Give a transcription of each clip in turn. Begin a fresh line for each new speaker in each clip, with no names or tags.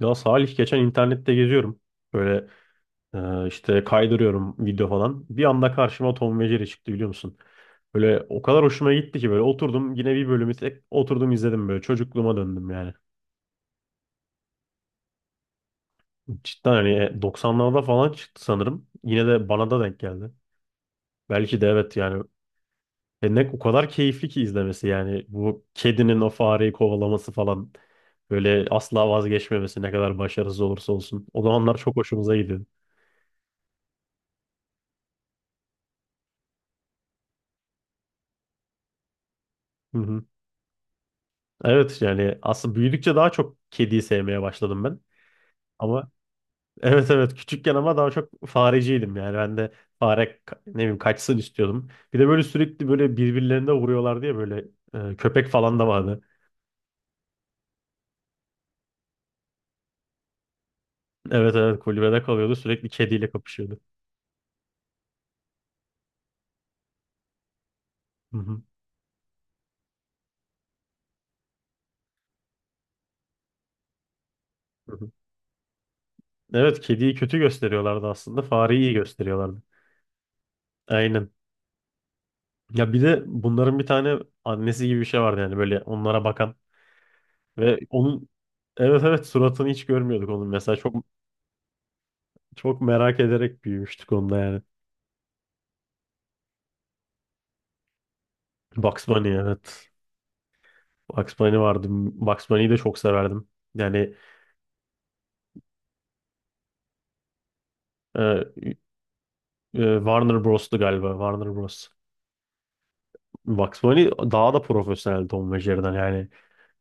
Ya Salih geçen internette geziyorum. Böyle işte kaydırıyorum video falan. Bir anda karşıma Tom ve Jerry çıktı biliyor musun? Böyle o kadar hoşuma gitti ki böyle oturdum yine bir bölümü tek oturdum izledim böyle çocukluğuma döndüm yani. Cidden hani 90'larda falan çıktı sanırım. Yine de bana da denk geldi. Belki de evet yani. E ne o kadar keyifli ki izlemesi yani. Bu kedinin o fareyi kovalaması falan. Böyle asla vazgeçmemesi ne kadar başarısız olursa olsun. O zamanlar çok hoşumuza gidiyordu. Evet yani aslında büyüdükçe daha çok kediyi sevmeye başladım ben. Ama evet evet küçükken ama daha çok fareciydim yani ben de ne bileyim kaçsın istiyordum. Bir de böyle sürekli böyle birbirlerine vuruyorlar diye böyle köpek falan da vardı. Evet evet kulübede kalıyordu sürekli kediyle kapışıyordu. Hı hı, hı hı. Evet kediyi kötü gösteriyorlardı aslında fareyi iyi gösteriyorlardı. Aynen. Ya bir de bunların bir tane annesi gibi bir şey vardı yani böyle onlara bakan ve onun evet evet suratını hiç görmüyorduk onun mesela çok çok merak ederek büyümüştük onda yani. Bugs Bunny evet. Bugs Bunny vardı. Bugs Bunny'yi de çok severdim. Yani e, Warner Bros'tu galiba. Warner Bros. Bugs Bunny daha da profesyonel Tom ve Jerry'den yani.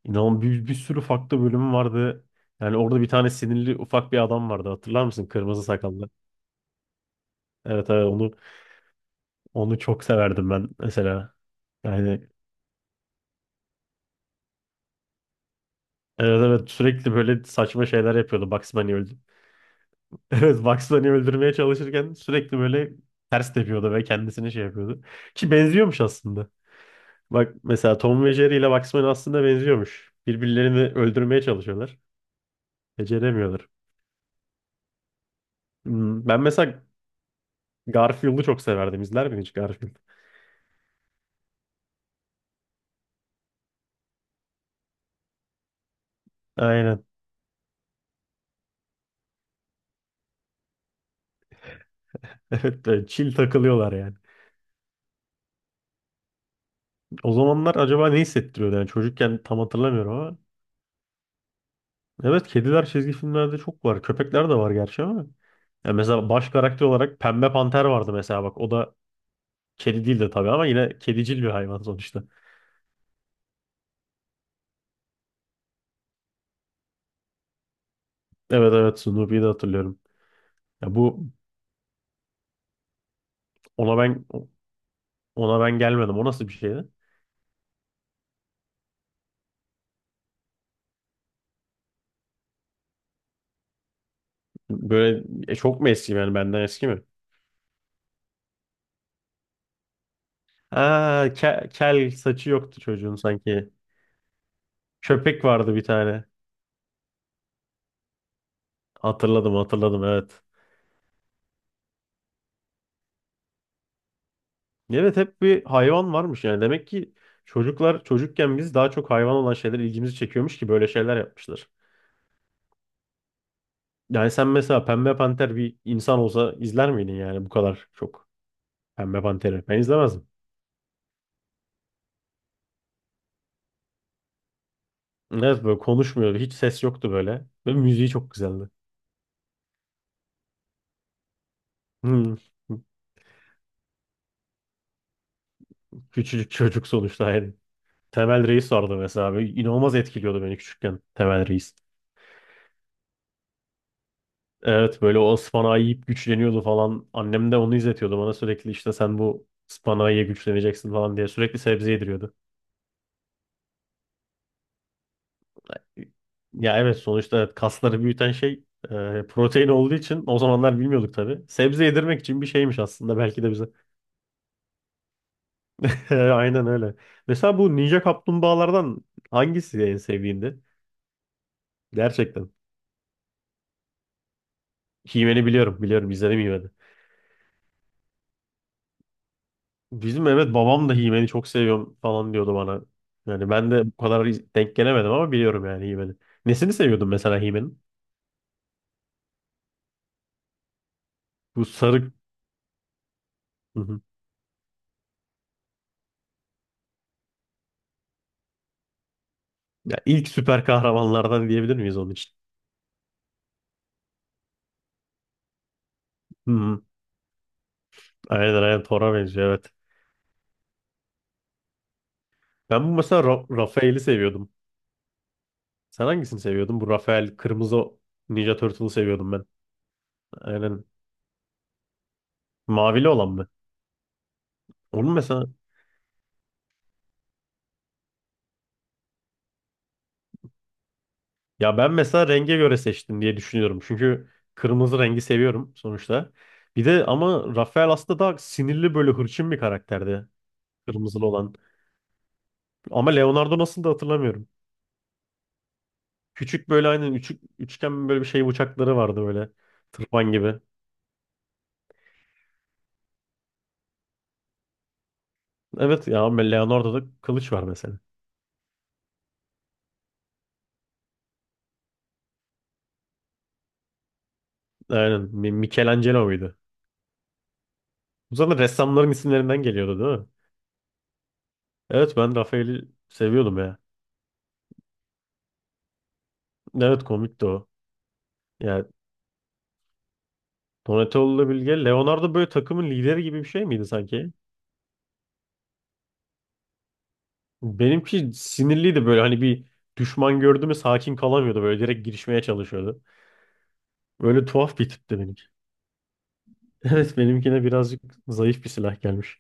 İnanın bir sürü farklı bölümü vardı. Yani orada bir tane sinirli ufak bir adam vardı. Hatırlar mısın? Kırmızı sakallı. Evet evet onu onu çok severdim ben mesela. Yani evet evet sürekli böyle saçma şeyler yapıyordu. Bugs Bunny öldü. Evet, Bugs Bunny'i öldürmeye çalışırken sürekli böyle ters tepiyordu ve kendisini şey yapıyordu. Ki benziyormuş aslında. Bak mesela Tom ve Jerry ile Bugs Bunny aslında benziyormuş. Birbirlerini öldürmeye çalışıyorlar. Beceremiyorlar. Ben mesela Garfield'u çok severdim. İzler miydin hiç Garfield? Aynen. Evet, evet, chill takılıyorlar yani. O zamanlar acaba ne hissettiriyordu? Yani çocukken tam hatırlamıyorum ama. Evet, kediler çizgi filmlerde çok var. Köpekler de var gerçi ama. Ya mesela baş karakter olarak Pembe Panter vardı mesela bak. O da kedi değil de tabii ama yine kedicil bir hayvan sonuçta. Evet evet Snoopy'yi de hatırlıyorum. Ya bu ona ben ona ben gelmedim. O nasıl bir şeydi? Böyle çok mu eski yani benden eski mi? Aa, kel saçı yoktu çocuğun sanki. Köpek vardı bir tane. Hatırladım hatırladım evet. Evet hep bir hayvan varmış yani. Demek ki çocuklar çocukken biz daha çok hayvan olan şeyler ilgimizi çekiyormuş ki böyle şeyler yapmışlar. Yani sen mesela Pembe Panter bir insan olsa izler miydin yani bu kadar çok Pembe Panter'i? Ben izlemezdim. Evet böyle konuşmuyordu. Hiç ses yoktu böyle. Ve müziği çok güzeldi. Hmm. Küçücük çocuk sonuçta yani. Temel Reis vardı mesela. Böyle inanılmaz etkiliyordu beni küçükken Temel Reis. Evet böyle o ıspanağı yiyip güçleniyordu falan. Annem de onu izletiyordu bana sürekli işte sen bu ıspanağı ye güçleneceksin falan diye sürekli sebze yediriyordu. Ya evet sonuçta evet, kasları büyüten şey protein olduğu için o zamanlar bilmiyorduk tabii. Sebze yedirmek için bir şeymiş aslında belki de bize. Aynen öyle. Mesela bu Ninja Kaplumbağalardan hangisi en sevdiğinde? Gerçekten. He-Man'i biliyorum. Biliyorum izledim He-Man'i. Bizim evet babam da He-Man'i çok seviyorum falan diyordu bana. Yani ben de bu kadar denk gelemedim ama biliyorum yani He-Man'i. Nesini seviyordun mesela He-Man'in? Bu sarı... Hı hı. Ya ilk süper kahramanlardan diyebilir miyiz onun için? Hı hı. Aynen aynen Thor'a benziyor evet. Ben bu mesela Raphael'i seviyordum. Sen hangisini seviyordun? Bu Raphael kırmızı Ninja Turtle'ı seviyordum ben. Aynen. Mavili olan mı? Onun mesela ya ben mesela renge göre seçtim diye düşünüyorum. Çünkü kırmızı rengi seviyorum sonuçta. Bir de ama Rafael aslında daha sinirli böyle hırçın bir karakterdi. Kırmızılı olan. Ama Leonardo nasıl da hatırlamıyorum. Küçük böyle aynen üçgen böyle bir şey bıçakları vardı böyle. Tırpan gibi. Evet ya ama Leonardo'da kılıç var mesela. Aynen Michelangelo muydu? Bu zaten ressamların isimlerinden geliyordu değil mi? Evet ben Rafael'i seviyordum ya. Evet komikti o. Yani Donatello'la Bilge. Leonardo böyle takımın lideri gibi bir şey miydi sanki? Benimki sinirliydi böyle hani bir düşman gördü mü sakin kalamıyordu. Böyle direkt girişmeye çalışıyordu. Böyle tuhaf bir tipti benimki. Evet benimkine birazcık zayıf bir silah gelmiş.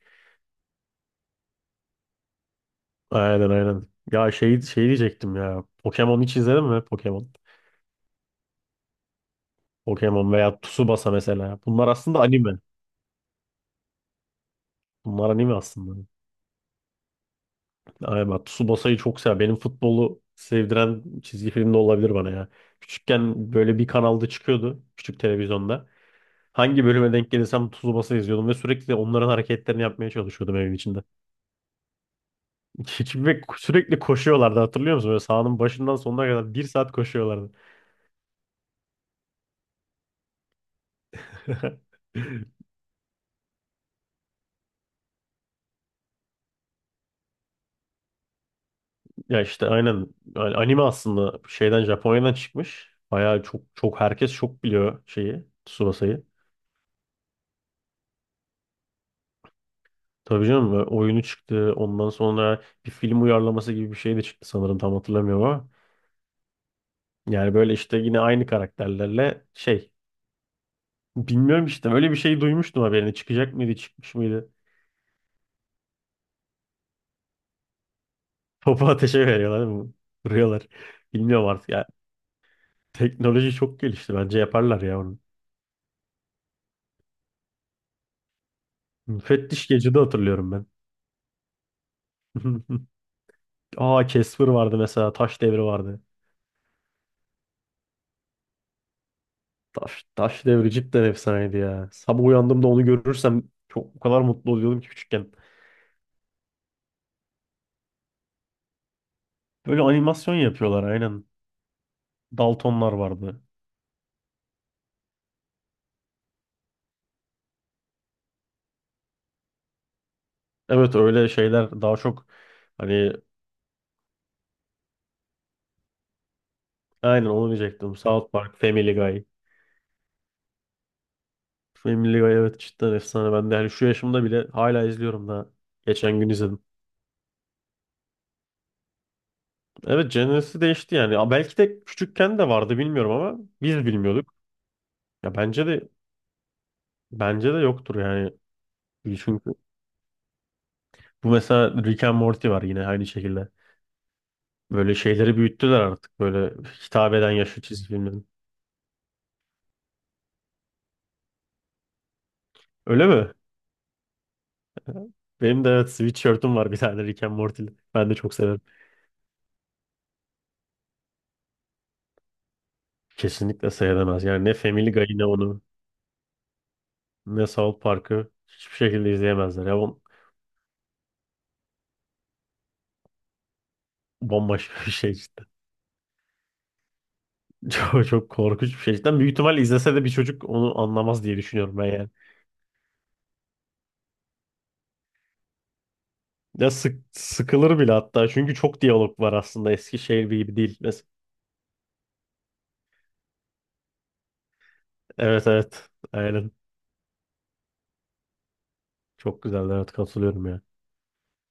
Aynen aynen. Ya şey, şey diyecektim ya. Pokemon hiç izledin mi? Pokemon. Pokemon veya Tsubasa mesela. Bunlar aslında anime. Bunlar anime aslında. Ay bak Tsubasa'yı çok sever. Benim futbolu sevdiren çizgi film de olabilir bana ya. Küçükken böyle bir kanalda çıkıyordu. Küçük televizyonda. Hangi bölüme denk gelirsem Tsubasa izliyordum ve sürekli onların hareketlerini yapmaya çalışıyordum evin içinde. Ve sürekli koşuyorlardı hatırlıyor musun? Böyle sahanın başından sonuna kadar bir saat koşuyorlardı. Ya işte aynen yani anime aslında şeyden Japonya'dan çıkmış. Bayağı çok çok herkes çok biliyor şeyi Tsubasa'yı. Tabii canım oyunu çıktı. Ondan sonra bir film uyarlaması gibi bir şey de çıktı sanırım tam hatırlamıyorum ama. Yani böyle işte yine aynı karakterlerle şey bilmiyorum işte öyle bir şey duymuştum haberini. Çıkacak mıydı çıkmış mıydı? Topu ateşe veriyorlar değil mi? Vuruyorlar. Bilmiyorum artık ya. Teknoloji çok gelişti bence yaparlar ya onu. Müfettiş Gece'de hatırlıyorum ben. Aa Casper vardı mesela Taş Devri vardı. Taş Devri cidden efsaneydi ya. Sabah uyandığımda onu görürsem çok o kadar mutlu oluyordum ki küçükken. Böyle animasyon yapıyorlar aynen. Daltonlar vardı. Evet öyle şeyler daha çok hani aynen onu diyecektim. South Park, Family Guy. Family Guy evet cidden efsane. Ben de hani şu yaşımda bile hala izliyorum da. Geçen gün izledim. Evet jenresi değişti yani. Ya belki de küçükken de vardı bilmiyorum ama biz bilmiyorduk. Ya bence de bence de yoktur yani. Çünkü bu mesela Rick and Morty var yine aynı şekilde. Böyle şeyleri büyüttüler artık böyle hitap eden yaşlı çizgi filmlerin. Öyle mi? Benim de evet sweatshirt'üm var bir tane Rick and Morty'li. Ben de çok severim. Kesinlikle seyredemez. Yani ne Family Guy ne onu ne South Park'ı hiçbir şekilde izleyemezler. Ya bu bambaşka bir şey işte. Çok korkunç bir şey. Cidden büyük ihtimal izlese de bir çocuk onu anlamaz diye düşünüyorum ben yani. Ya sıkılır bile hatta. Çünkü çok diyalog var aslında. Eskişehir gibi değil. Mes- evet evet. Aynen. Çok güzel. Evet katılıyorum ya.